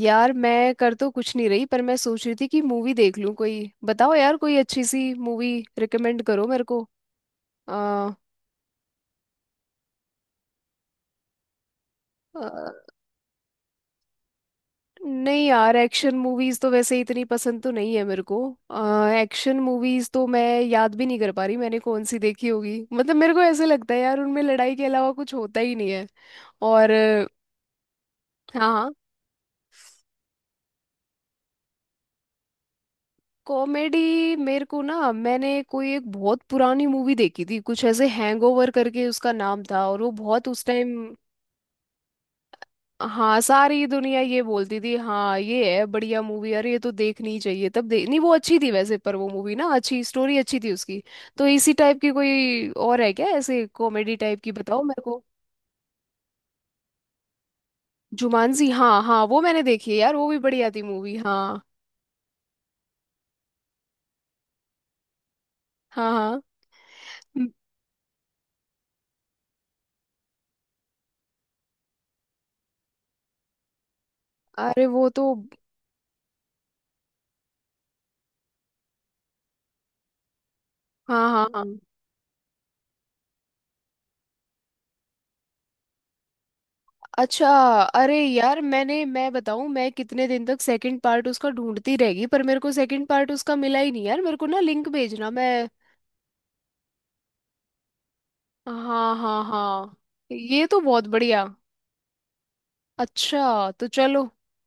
यार मैं कर तो कुछ नहीं रही, पर मैं सोच रही थी कि मूवी देख लूं। कोई बताओ यार, कोई अच्छी सी मूवी रिकमेंड करो मेरे को। आ, आ, नहीं यार, एक्शन मूवीज तो वैसे इतनी पसंद तो नहीं है मेरे को। एक्शन मूवीज तो मैं याद भी नहीं कर पा रही मैंने कौन सी देखी होगी। मतलब मेरे को ऐसे लगता है यार, उनमें लड़ाई के अलावा कुछ होता ही नहीं है। और अ, हाँ, कॉमेडी मेरे को ना, मैंने कोई एक बहुत पुरानी मूवी देखी थी, कुछ ऐसे हैंगओवर करके उसका नाम था, और वो बहुत उस टाइम। हाँ, सारी दुनिया ये बोलती थी, हाँ ये है बढ़िया मूवी, अरे ये तो देखनी ही चाहिए, तब दे नहीं। वो अच्छी थी वैसे, पर वो मूवी ना अच्छी, स्टोरी अच्छी थी उसकी। तो इसी टाइप की कोई और है क्या, ऐसे कॉमेडी टाइप की बताओ मेरे को। जुमानजी, हाँ हाँ, वो मैंने देखी है यार, वो भी बढ़िया थी मूवी। हाँ। हाँ हाँ। हम्म, अरे वो तो। हाँ हाँ हाँ। अच्छा। अरे यार मैंने, मैं बताऊं, मैं कितने दिन तक सेकंड पार्ट उसका ढूंढती रहेगी, पर मेरे को सेकंड पार्ट उसका मिला ही नहीं यार। मेरे को ना लिंक भेजना मैं। हाँ हाँ हाँ। ये तो बहुत बढ़िया। अच्छा तो चलो,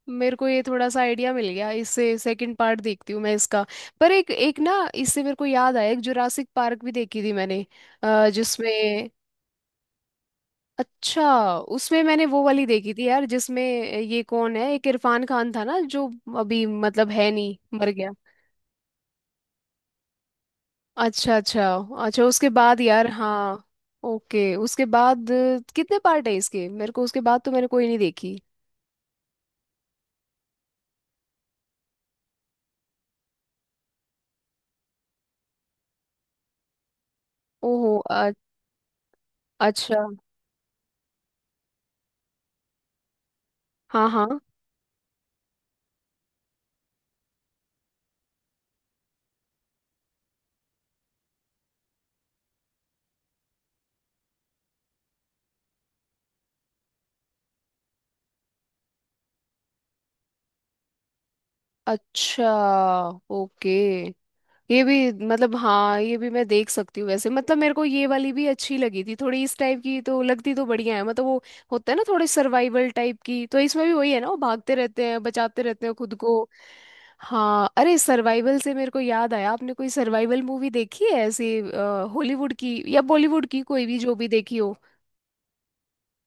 मेरे को ये थोड़ा सा आइडिया मिल गया, इससे सेकंड पार्ट देखती हूँ मैं इसका। पर एक एक ना, इससे मेरे को याद आया, एक जुरासिक पार्क भी देखी थी मैंने। जिसमें अच्छा, उसमें मैंने वो वाली देखी थी यार, जिसमें ये कौन है, एक इरफान खान था ना जो अभी मतलब है नहीं, मर गया। अच्छा अच्छा। अच्छा उसके बाद यार, हाँ। ओके उसके बाद, कितने पार्ट है इसके? मेरे को उसके बाद तो मैंने कोई नहीं देखी। ओहो अ- अच्छा। हाँ हाँ। अच्छा। ओके। ये भी मतलब, हाँ ये भी मैं देख सकती हूँ वैसे। मतलब मेरे को ये वाली भी अच्छी लगी थी थोड़ी, इस टाइप की तो लगती तो बढ़िया है। मतलब वो होता है ना थोड़े सर्वाइवल टाइप की, तो इसमें भी वही है ना, वो भागते रहते हैं बचाते रहते हैं खुद को। हाँ, अरे सर्वाइवल से मेरे को याद आया, आपने कोई सर्वाइवल मूवी देखी है ऐसे, हॉलीवुड की या बॉलीवुड की, कोई भी जो भी देखी हो।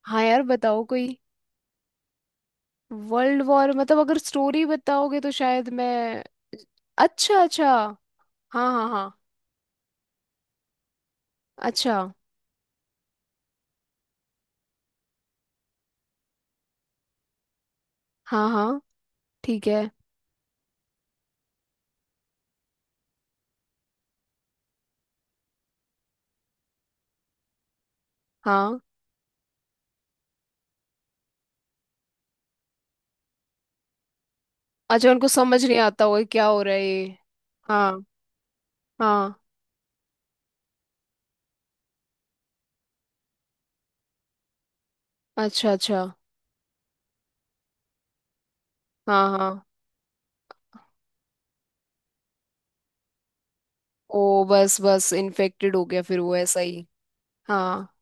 हाँ यार बताओ कोई। World war? मतलब अगर स्टोरी बताओगे तो शायद मैं। अच्छा अच्छा। हाँ हाँ हाँ। अच्छा। हाँ हाँ। ठीक है। हाँ। अच्छा, उनको समझ नहीं आता होगा कि क्या हो रहा है ये। हाँ हाँ। अच्छा अच्छा। हाँ हाँ। ओ बस बस इन्फेक्टेड हो गया फिर वो ऐसा ही। हाँ।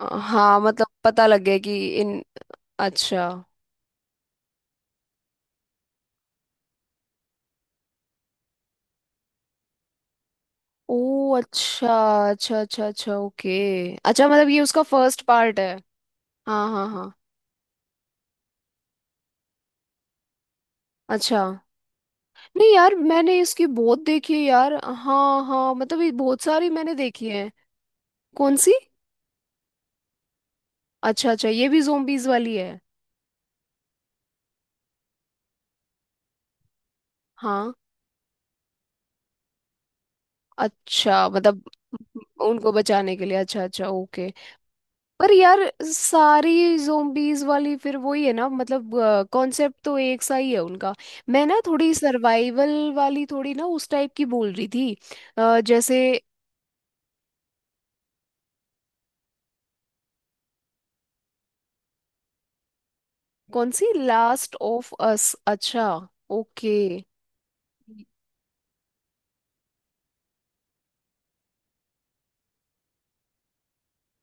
हाँ मतलब पता लग गया कि। इन। अच्छा। ओ अच्छा अच्छा अच्छा। अच्छा ओके। अच्छा मतलब ये उसका फर्स्ट पार्ट है? हाँ हाँ हाँ। अच्छा। नहीं यार, मैंने इसकी बहुत देखी है यार। हाँ हाँ, मतलब ये बहुत सारी मैंने देखी है। कौन सी? अच्छा अच्छा, ये भी जोम्बीज वाली है। हाँ। अच्छा मतलब उनको बचाने के लिए। अच्छा अच्छा ओके। पर यार सारी जोम्बीज वाली फिर वही है ना मतलब, कॉन्सेप्ट तो एक सा ही है उनका। मैं ना थोड़ी सर्वाइवल वाली, थोड़ी ना उस टाइप की बोल रही थी। जैसे। कौन सी लास्ट ऑफ अस, अच्छा। ओके।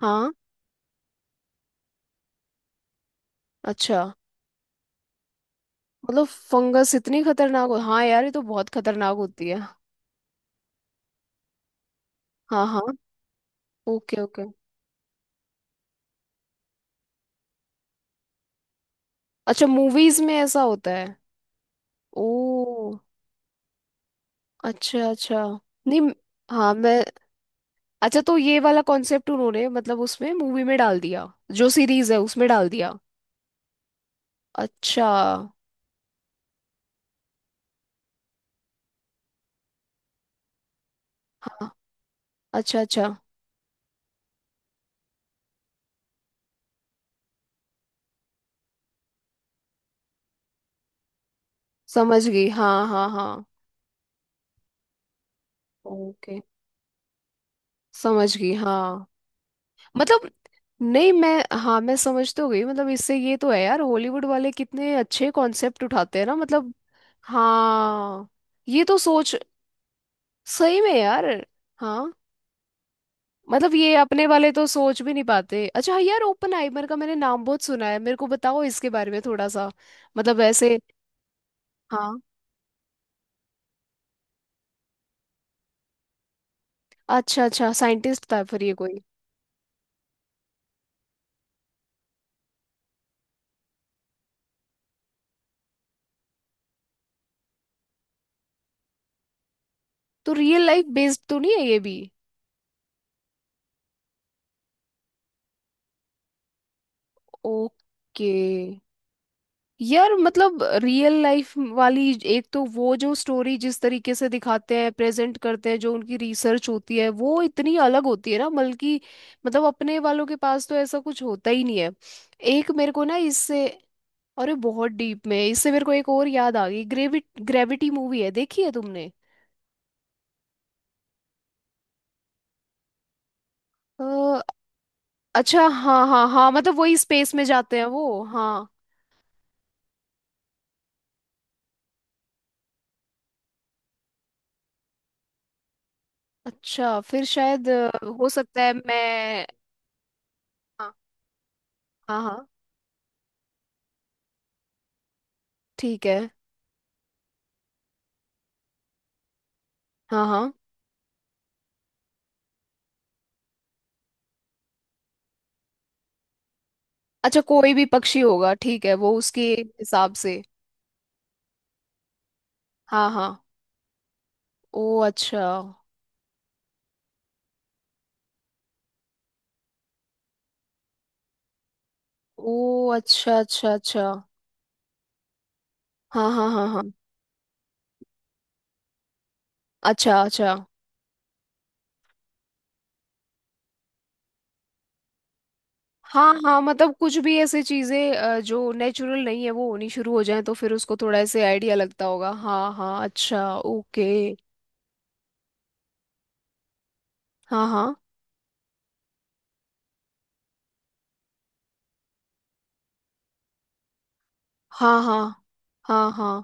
हाँ। अच्छा मतलब फंगस इतनी खतरनाक हो? हाँ यार, ये तो बहुत खतरनाक होती है। हाँ हाँ। Okay okay. अच्छा, मूवीज में ऐसा होता है? ओ अच्छा। अच्छा। नहीं म- हाँ मैं। अच्छा तो ये वाला कॉन्सेप्ट उन्होंने मतलब उसमें मूवी में डाल दिया, जो सीरीज है उसमें डाल दिया। अच्छा। हाँ। अच्छा अच्छा, समझ गई। हाँ हाँ हाँ। ओके, समझ गई हाँ। मतलब नहीं मैं, हाँ मैं समझ तो गई मतलब। इससे ये तो है यार, हॉलीवुड वाले कितने अच्छे कॉन्सेप्ट उठाते हैं ना मतलब। हाँ ये तो सोच, सही में यार। हाँ मतलब ये अपने वाले तो सोच भी नहीं पाते। अच्छा यार, ओपनहाइमर का मैंने नाम बहुत सुना है, मेरे को बताओ इसके बारे में थोड़ा सा। मतलब ऐसे। हाँ। अच्छा अच्छा, साइंटिस्ट था फिर ये कोई। तो रियल लाइफ बेस्ड तो नहीं है ये भी? ओके। यार मतलब रियल लाइफ वाली, एक तो वो जो स्टोरी जिस तरीके से दिखाते हैं प्रेजेंट करते हैं, जो उनकी रिसर्च होती है वो इतनी अलग होती है ना, बल्कि मतलब अपने वालों के पास तो ऐसा कुछ होता ही नहीं है। एक मेरे को ना इससे, अरे बहुत डीप में, इससे मेरे को एक और याद आ गई, ग्रेविटी मूवी है, देखी है तुमने? अ, अच्छा हाँ हाँ हाँ, मतलब वही स्पेस में जाते हैं वो, हाँ। अच्छा फिर शायद हो सकता है मैं। हाँ हाँ हाँ, ठीक है। हाँ हाँ। अच्छा, कोई भी पक्षी होगा, ठीक है वो उसके हिसाब से। हाँ हाँ। ओ अच्छा। ओ अच्छा अच्छा अच्छा। हाँ हाँ हाँ हाँ। अच्छा अच्छा। हाँ हाँ मतलब कुछ भी ऐसी चीजें जो नेचुरल नहीं है वो होनी शुरू हो जाए, तो फिर उसको थोड़ा ऐसे आइडिया लगता होगा। हाँ हाँ। अच्छा ओके। हाँ हाँ हाँ हाँ हाँ हाँ।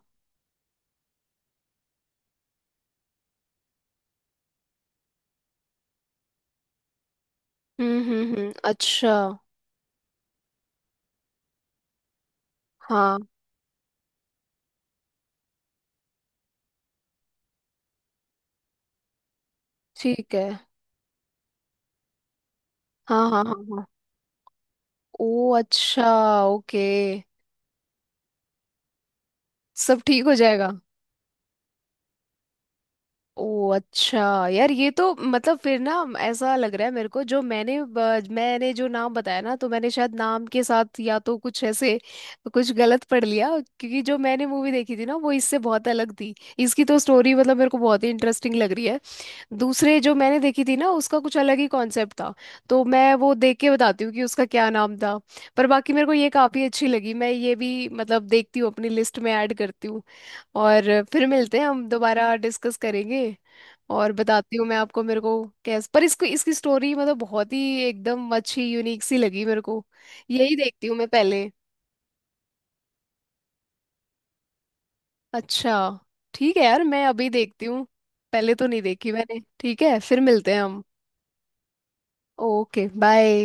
हम्म। अच्छा। हाँ ठीक है। हाँ हाँ हाँ हाँ। ओ अच्छा। ओके। सब ठीक हो जाएगा। ओ अच्छा। यार ये तो मतलब फिर ना, ऐसा लग रहा है मेरे को जो मैंने मैंने जो नाम बताया ना, तो मैंने शायद नाम के साथ या तो कुछ ऐसे कुछ गलत पढ़ लिया। क्योंकि जो मैंने मूवी देखी थी ना वो इससे बहुत अलग थी। इसकी तो स्टोरी मतलब मेरे को बहुत ही इंटरेस्टिंग लग रही है। दूसरे जो मैंने देखी थी ना उसका कुछ अलग ही कॉन्सेप्ट था, तो मैं वो देख के बताती हूँ कि उसका क्या नाम था। पर बाकी मेरे को ये काफ़ी अच्छी लगी, मैं ये भी मतलब देखती हूँ, अपनी लिस्ट में ऐड करती हूँ। और फिर मिलते हैं हम दोबारा, डिस्कस करेंगे और बताती हूँ मैं आपको। मेरे को कैस, पर इसको, इसकी स्टोरी मतलब बहुत ही एकदम अच्छी, यूनिक सी लगी मेरे को। यही देखती हूँ मैं पहले। अच्छा, ठीक है यार मैं अभी देखती हूँ। पहले तो नहीं देखी मैंने, ठीक है फिर मिलते हैं हम। Okay, bye.